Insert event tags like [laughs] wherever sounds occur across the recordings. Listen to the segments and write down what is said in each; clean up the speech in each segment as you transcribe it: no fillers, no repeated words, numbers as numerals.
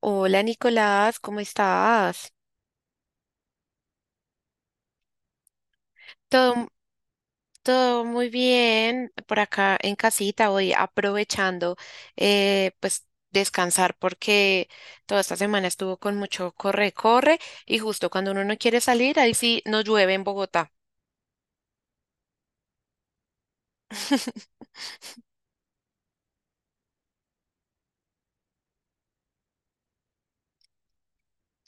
Hola Nicolás, ¿cómo estás? Todo, todo muy bien por acá en casita, hoy aprovechando eh, pues descansar porque toda esta semana estuvo con mucho corre, corre y justo cuando uno no quiere salir, ahí sí nos llueve en Bogotá. [laughs]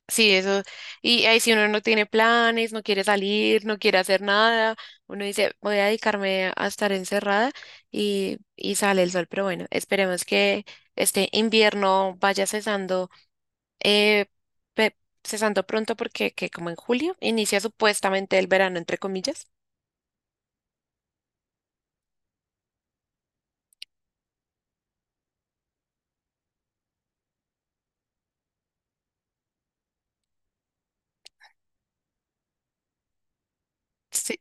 Sí, eso. Y ahí si uno no tiene planes, no quiere salir, no quiere hacer nada, uno dice, voy a dedicarme a estar encerrada y sale el sol. Pero bueno, esperemos que este invierno vaya cesando, eh, pe- cesando pronto porque que como en julio inicia supuestamente el verano, entre comillas. Sí.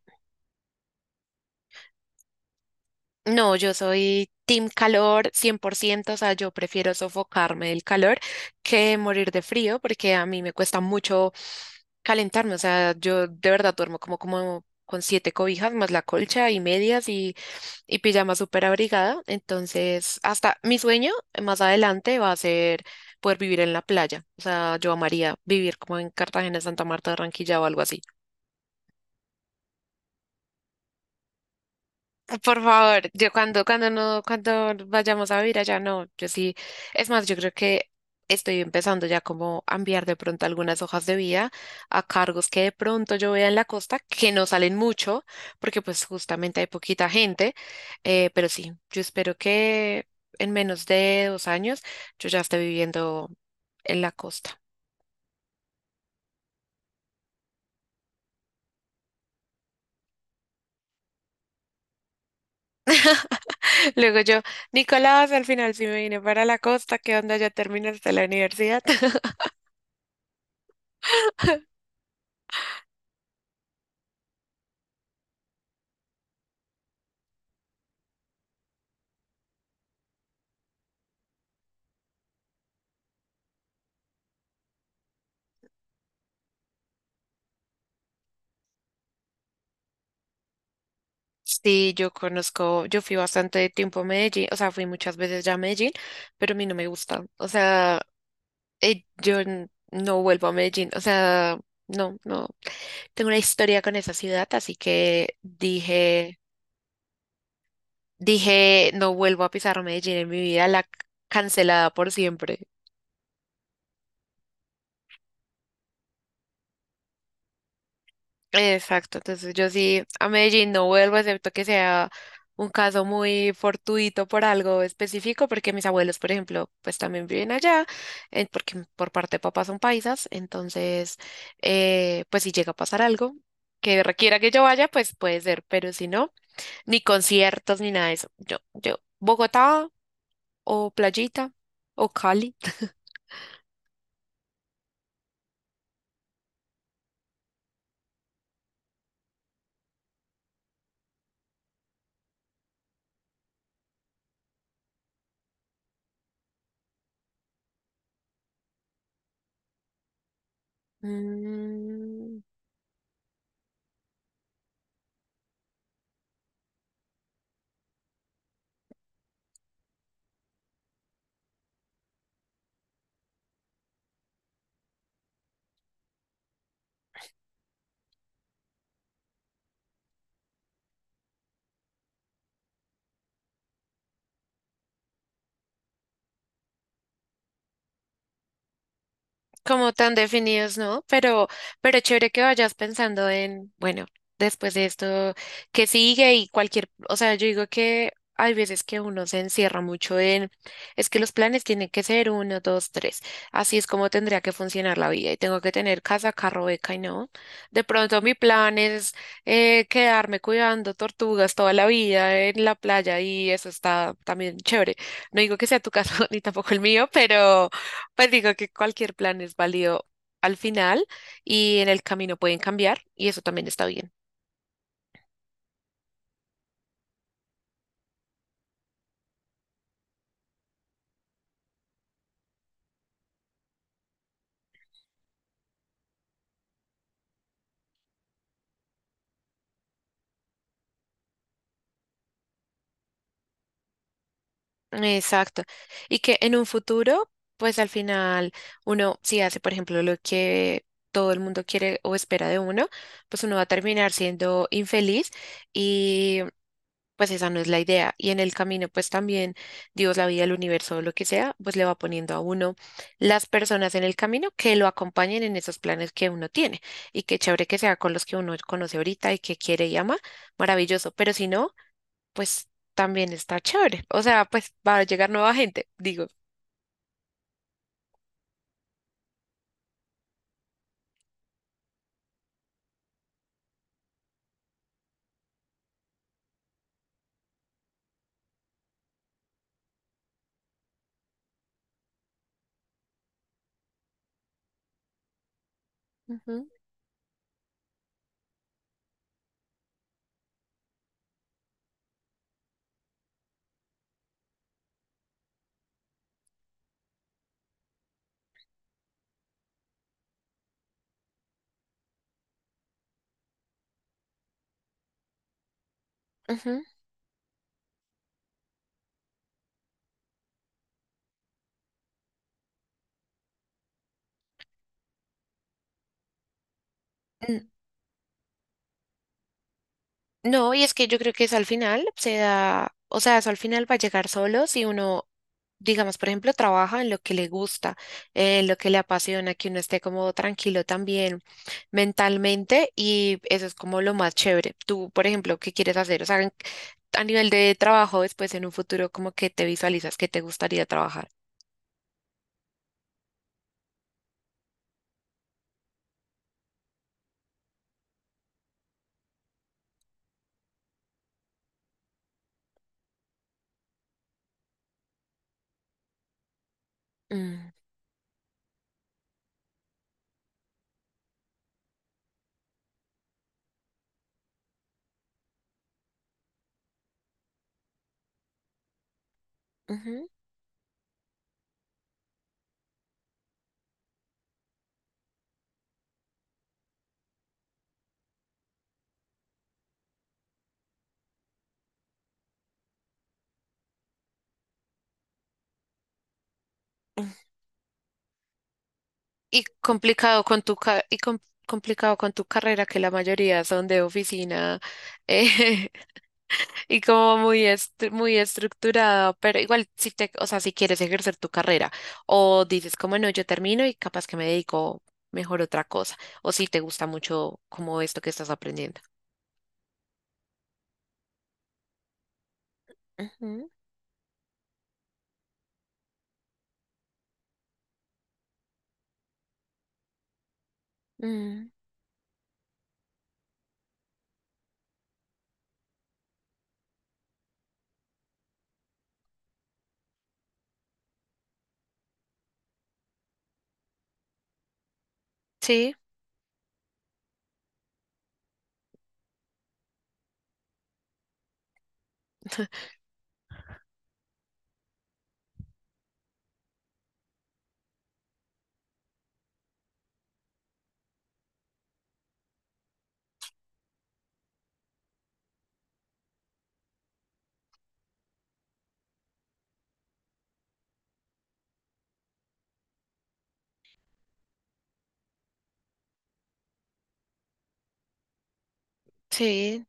No, yo soy team calor 100%, o sea, yo prefiero sofocarme del calor que morir de frío porque a mí me cuesta mucho calentarme, o sea, yo de verdad duermo como, como con siete cobijas más la colcha y medias y pijama súper abrigada, entonces hasta mi sueño más adelante va a ser poder vivir en la playa, o sea, yo amaría vivir como en Cartagena, Santa Marta, Barranquilla o algo así. Por favor, yo cuando, cuando no, cuando vayamos a vivir allá, no, yo sí, es más, yo creo que estoy empezando ya como a enviar de pronto algunas hojas de vida a cargos que de pronto yo vea en la costa, que no salen mucho, porque pues justamente hay poquita gente, pero sí, yo espero que en menos de 2 años yo ya esté viviendo en la costa. [laughs] Luego yo, Nicolás, al final sí me vine para la costa, ¿qué onda? ¿Ya terminaste la universidad? [laughs] Sí, yo conozco, yo fui bastante tiempo a Medellín, o sea, fui muchas veces ya a Medellín, pero a mí no me gusta, o sea, no vuelvo a Medellín, o sea, no, no, tengo una historia con esa ciudad, así que dije, dije, no vuelvo a pisar Medellín en mi vida, cancelada por siempre. Exacto, entonces yo sí a Medellín no vuelvo, excepto que sea un caso muy fortuito por algo específico, porque mis abuelos, por ejemplo, pues también viven allá, porque por parte de papá son paisas, entonces, pues si llega a pasar algo que requiera que yo vaya, pues puede ser, pero si no, ni conciertos ni nada de eso. Bogotá o Playita o Cali. [laughs] Mm, como tan definidos, ¿no? Pero chévere que vayas pensando en, bueno, después de esto, ¿qué sigue? Y cualquier, o sea, yo digo que hay veces que uno se encierra mucho en, es que los planes tienen que ser uno, dos, tres. Así es como tendría que funcionar la vida y tengo que tener casa, carro, beca y no. De pronto mi plan es quedarme cuidando tortugas toda la vida en la playa y eso está también chévere. No digo que sea tu caso [laughs] ni tampoco el mío, pero... Pues digo que cualquier plan es válido al final y en el camino pueden cambiar y eso también está bien. Exacto. Y que en un futuro, pues al final uno, si hace, por ejemplo, lo que todo el mundo quiere o espera de uno, pues uno va a terminar siendo infeliz, pues esa no es la idea. Y en el camino, pues también Dios, la vida, el universo, lo que sea, pues le va poniendo a uno las personas en el camino que lo acompañen en esos planes que uno tiene. Y qué chévere que sea con los que uno conoce ahorita y que quiere y ama, maravilloso. Pero si no, pues también está chévere. O sea, pues va a llegar nueva gente, digo. Ujú, ujú. No, y es que yo creo que eso al final se da, o sea, eso al final va a llegar solo si uno, digamos, por ejemplo, trabaja en lo que le gusta, en lo que le apasiona, que uno esté como tranquilo también mentalmente y eso es como lo más chévere. Tú, por ejemplo, ¿qué quieres hacer? O sea, a nivel de trabajo, después en un futuro, ¿como que te visualizas que te gustaría trabajar? Mm, ujú. Y complicado con tu carrera, que la mayoría son de oficina eh, [laughs] y como muy estructurada, pero igual si te, o sea, si quieres ejercer tu carrera o dices como no, yo termino y capaz que me dedico mejor a otra cosa, o si te gusta mucho como esto que estás aprendiendo. Ujú, mm, sí, sí.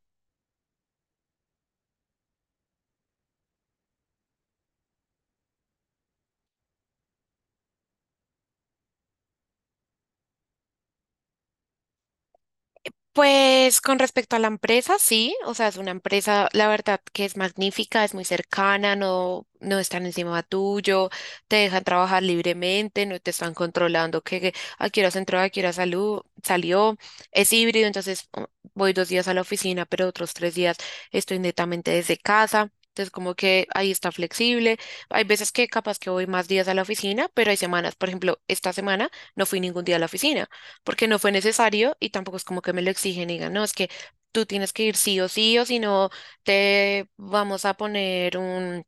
Pues con respecto a la empresa, sí, o sea, es una empresa, la verdad que es magnífica, es muy cercana, no, no están encima tuyo, te dejan trabajar libremente, no te están controlando a qué horas entró, a qué hora salú- salió, es híbrido, voy 2 días a la oficina, pero otros 3 días estoy netamente desde casa. Entonces, como que ahí está flexible. Hay veces que capaz que voy más días a la oficina, pero hay semanas, por ejemplo, esta semana no fui ningún día a la oficina porque no fue necesario y tampoco es como que me lo exigen y digan, no, es que tú tienes que ir sí o sí o si no te vamos a poner un,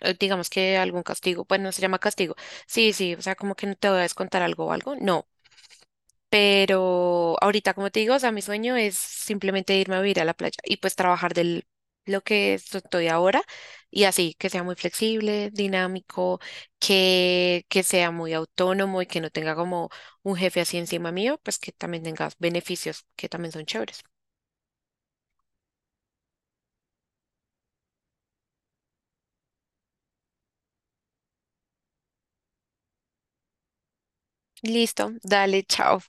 digamos que algún castigo, pues no se llama castigo. Sí, sí, o sea, como que no te voy a descontar algo o algo. No. Pero ahorita, como te digo, o sea, mi sueño es simplemente irme a vivir a la playa y pues trabajar del estoy ahora y así, que sea muy flexible, dinámico, que sea muy autónomo y que no tenga como un jefe así encima mío, pues que también tengas beneficios que también son chéveres. Listo, dale, chao.